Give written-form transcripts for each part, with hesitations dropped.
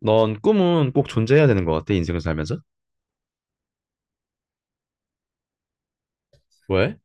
넌 꿈은 꼭 존재해야 되는 것 같아, 인생을 살면서? 왜?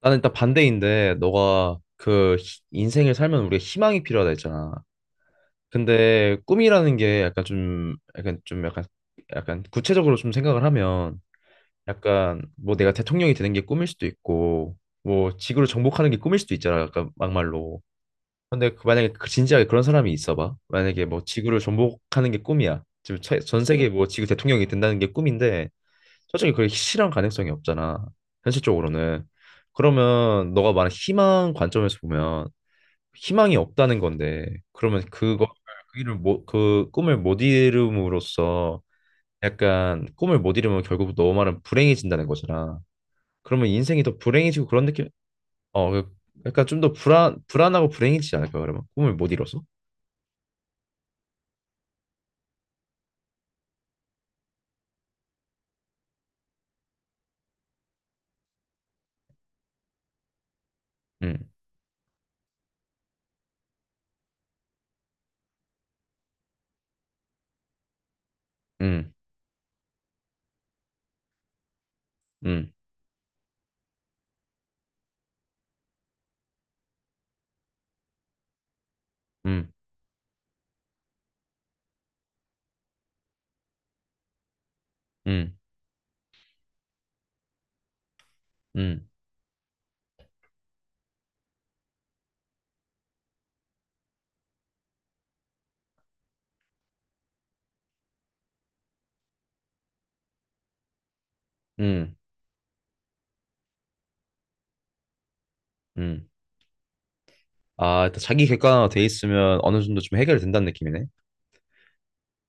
나는 일단 반대인데, 너가 인생을 살면 우리가 희망이 필요하다 했잖아. 근데 꿈이라는 게 약간 구체적으로 좀 생각을 하면, 약간 뭐 내가 대통령이 되는 게 꿈일 수도 있고, 뭐 지구를 정복하는 게 꿈일 수도 있잖아, 약간 막말로. 근데 그 만약에 그 진지하게 그런 사람이 있어봐. 만약에 뭐 지구를 정복하는 게 꿈이야. 지금 전 세계 뭐 지구 대통령이 된다는 게 꿈인데, 솔직히 그게 실현 가능성이 없잖아. 현실적으로는. 그러면 너가 말한 희망 관점에서 보면 희망이 없다는 건데 그러면 그거 그 일을 못, 그 꿈을 못 이룸으로써 약간 꿈을 못 이루면 결국 너 말은 불행해진다는 거잖아. 그러면 인생이 더 불행해지고 그런 느낌? 어, 그- 약간 좀 더 불안하고 불행해지지 않을까 그러면 꿈을 못 이뤄서? 응. 응. 응. 응. 응. 응. 응. 응. 아, 일단 자기 객관화 돼 있으면 어느 정도 좀 해결된다는 느낌이네.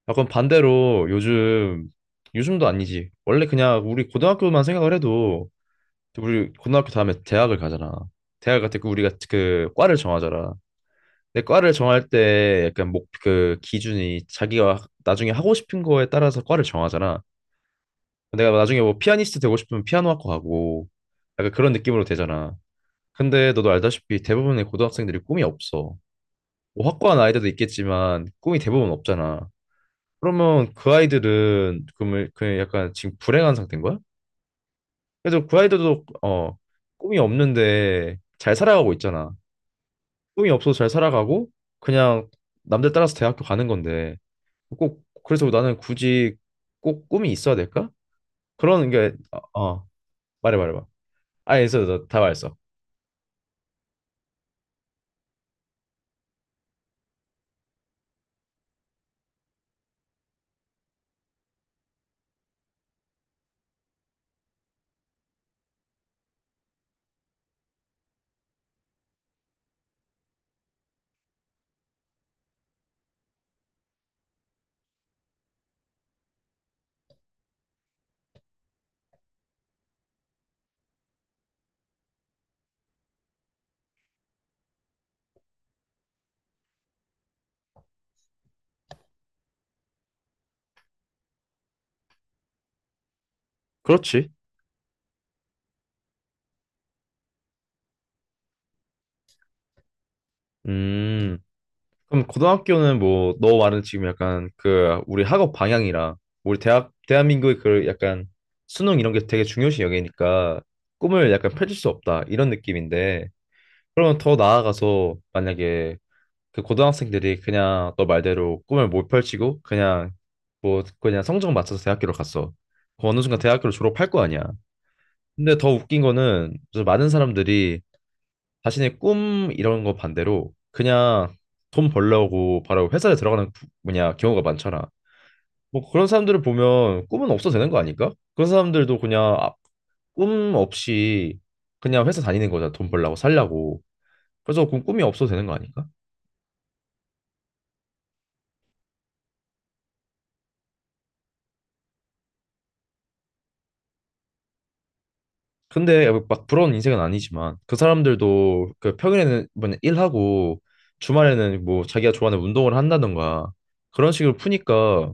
약간 반대로 요즘도 아니지. 원래 그냥 우리 고등학교만 생각을 해도 우리 고등학교 다음에 대학을 가잖아. 대학 갈때 우리가 그 과를 정하잖아. 근데 과를 정할 때 약간 목 그 기준이 자기가 나중에 하고 싶은 거에 따라서 과를 정하잖아. 내가 나중에 뭐 피아니스트 되고 싶으면 피아노학과 가고 약간 그런 느낌으로 되잖아. 근데 너도 알다시피 대부분의 고등학생들이 꿈이 없어. 뭐 확고한 아이들도 있겠지만 꿈이 대부분 없잖아. 그러면 그 아이들은 그러면 그 약간 지금 불행한 상태인 거야? 그래도 그 아이들도 어, 꿈이 없는데 잘 살아가고 있잖아. 꿈이 없어서 잘 살아가고 그냥 남들 따라서 대학교 가는 건데 꼭 그래서 나는 굳이 꼭 꿈이 있어야 될까? 그런 게 어, 어, 말해 말해 봐. 아 있어 다 말했어. 그렇지. 음. 그럼 고등학교는 뭐 너 말은 지금 약간 그 우리 학업 방향이랑 우리 대학 대한민국의 그 약간 수능 이런 게 되게 중요시 여기니까 꿈을 약간 펼칠 수 없다 이런 느낌인데 그러면 더 나아가서 만약에 그 고등학생들이 그냥 너 말대로 꿈을 못 펼치고 그냥 뭐 그냥 성적 맞춰서 대학교를 갔어. 그 어느 순간 대학교를 졸업할 거 아니야. 근데 더 웃긴 거는 좀 많은 사람들이 자신의 꿈 이런 거 반대로 그냥 돈 벌려고 바로 회사에 들어가는 뭐냐 경우가 많잖아. 뭐 그런 사람들을 보면 꿈은 없어 되는 거 아닐까? 그런 사람들도 그냥 꿈 없이 그냥 회사 다니는 거잖아. 돈 벌려고 살려고. 그래서 그 꿈이 없어 되는 거 아닐까? 근데 막 부러운 인생은 아니지만 그 사람들도 그 평일에는 뭐냐 일하고 주말에는 뭐 자기가 좋아하는 운동을 한다던가 그런 식으로 푸니까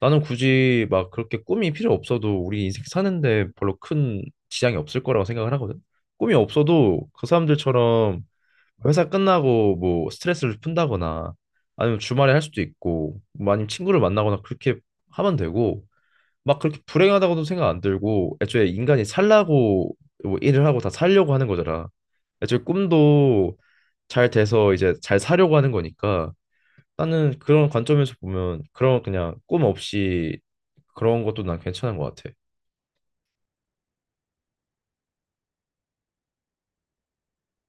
나는 굳이 막 그렇게 꿈이 필요 없어도 우리 인생 사는데 별로 큰 지장이 없을 거라고 생각을 하거든. 꿈이 없어도 그 사람들처럼 회사 끝나고 뭐 스트레스를 푼다거나 아니면 주말에 할 수도 있고 뭐 아니면 친구를 만나거나 그렇게 하면 되고 막 그렇게 불행하다고도 생각 안 들고 애초에 인간이 살라고 뭐 일을 하고 다 살려고 하는 거잖아. 애초에 꿈도 잘 돼서 이제 잘 사려고 하는 거니까 나는 그런 관점에서 보면 그런 그냥 꿈 없이 그런 것도 난 괜찮은 것 같아.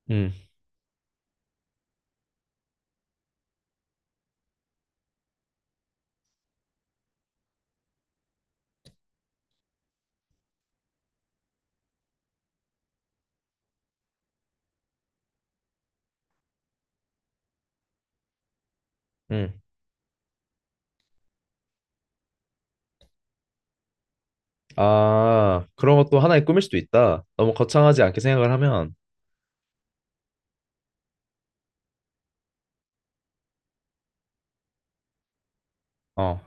음. 음. 아, 그런 것도 하나의 꿈일 수도 있다. 너무 거창하지 않게 생각을 하면, 어,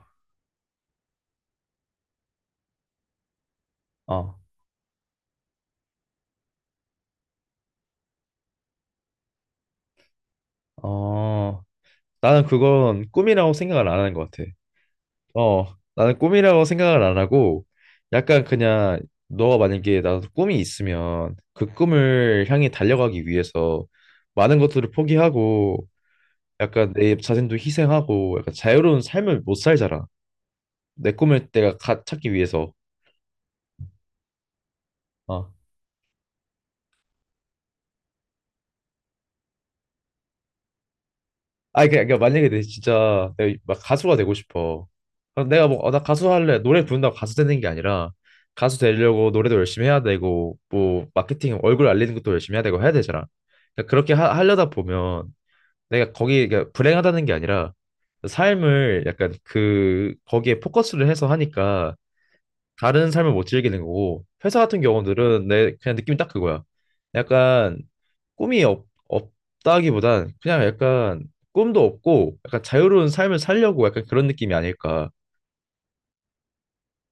어, 어. 나는 그건 꿈이라고 생각을 안 하는 것 같아. 어, 나는 꿈이라고 생각을 안 하고, 약간 그냥 너가 만약에 나도 꿈이 있으면 그 꿈을 향해 달려가기 위해서 많은 것들을 포기하고 약간 내 자신도 희생하고 약간 자유로운 삶을 못 살잖아. 내 꿈을 내가 찾기 위해서. 어. 아, 그러니까 그러니까 만약에 내 진짜 내가 막 가수가 되고 싶어. 그럼 내가 뭐, 어, 나 가수 할래. 노래 부른다고 가수 되는 게 아니라 가수 되려고 노래도 열심히 해야 되고, 뭐, 마케팅, 얼굴 알리는 것도 열심히 해야 되고 해야 되잖아. 그러니까 그렇게 하려다 보면 내가 거기 그러니까 불행하다는 게 아니라 삶을 약간 그, 거기에 포커스를 해서 하니까 다른 삶을 못 즐기게 된 거고 회사 같은 경우들은 내 그냥 느낌이 딱 그거야. 약간 없다기보단 그냥 약간 꿈도 없고 약간 자유로운 삶을 살려고 약간 그런 느낌이 아닐까.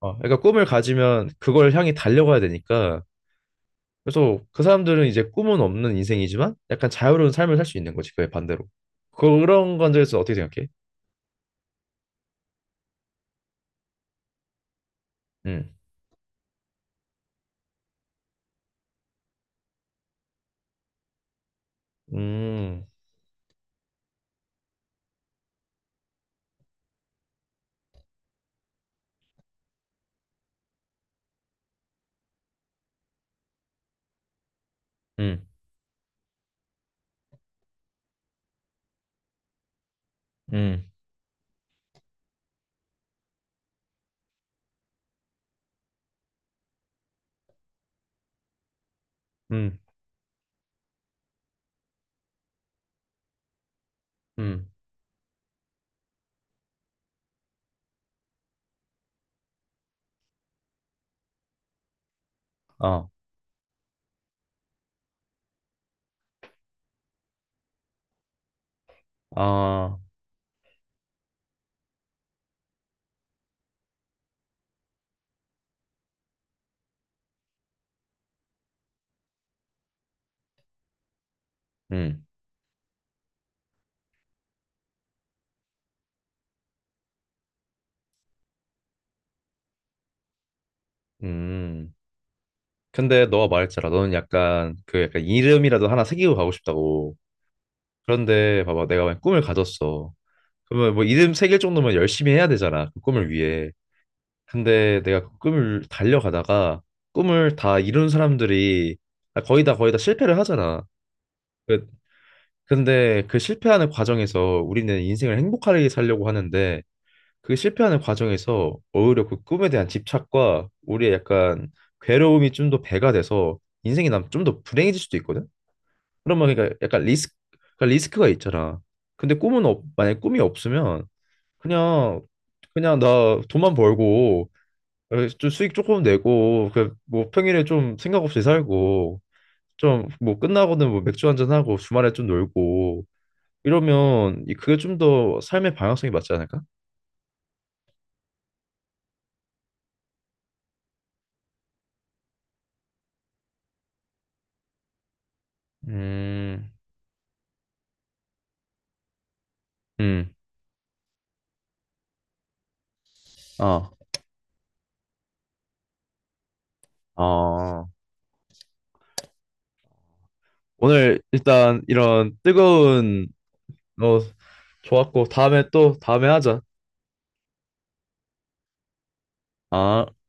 어, 그러니까 꿈을 가지면 그걸 향해 달려가야 되니까 그래서 그 사람들은 이제 꿈은 없는 인생이지만 약간 자유로운 삶을 살 수 있는 거지 그게 반대로. 그런 건에 대해서 어떻게 생각해? 음. 음. 음. 음. 음. 음. 아. 아. 음. 음. 근데 너가 말했잖아. 너는 약간 그 약간 이름이라도 하나 새기고 가고 싶다고. 그런데 봐봐, 내가 만약 꿈을 가졌어. 그러면 뭐 이름 새길 정도면 열심히 해야 되잖아. 그 꿈을 위해. 근데 내가 그 꿈을 달려가다가 꿈을 다 이룬 사람들이 거의 다 실패를 하잖아. 그- 근데 그 실패하는 과정에서 우리는 인생을 행복하게 살려고 하는데 그 실패하는 과정에서 오히려 그 꿈에 대한 집착과 우리의 약간 괴로움이 좀 더 배가 돼서 인생이 난 좀 더 불행해질 수도 있거든. 그러면 그러니까 약간 리스크 그러니까 리스크가 있잖아. 근데 만약에 꿈이 없으면 그냥 그냥 나 돈만 벌고 어, 좀 수익 조금 내고 그 뭐 평일에 좀 생각 없이 살고 좀 뭐 끝나고는 뭐 맥주 한잔 하고 주말에 좀 놀고 이러면 그게 좀 더 삶의 방향성이 맞지 않을까? 음. 음. 아. 아. 오늘 일단 이런 뜨거운 어, 좋았고 다음에 하자. 아.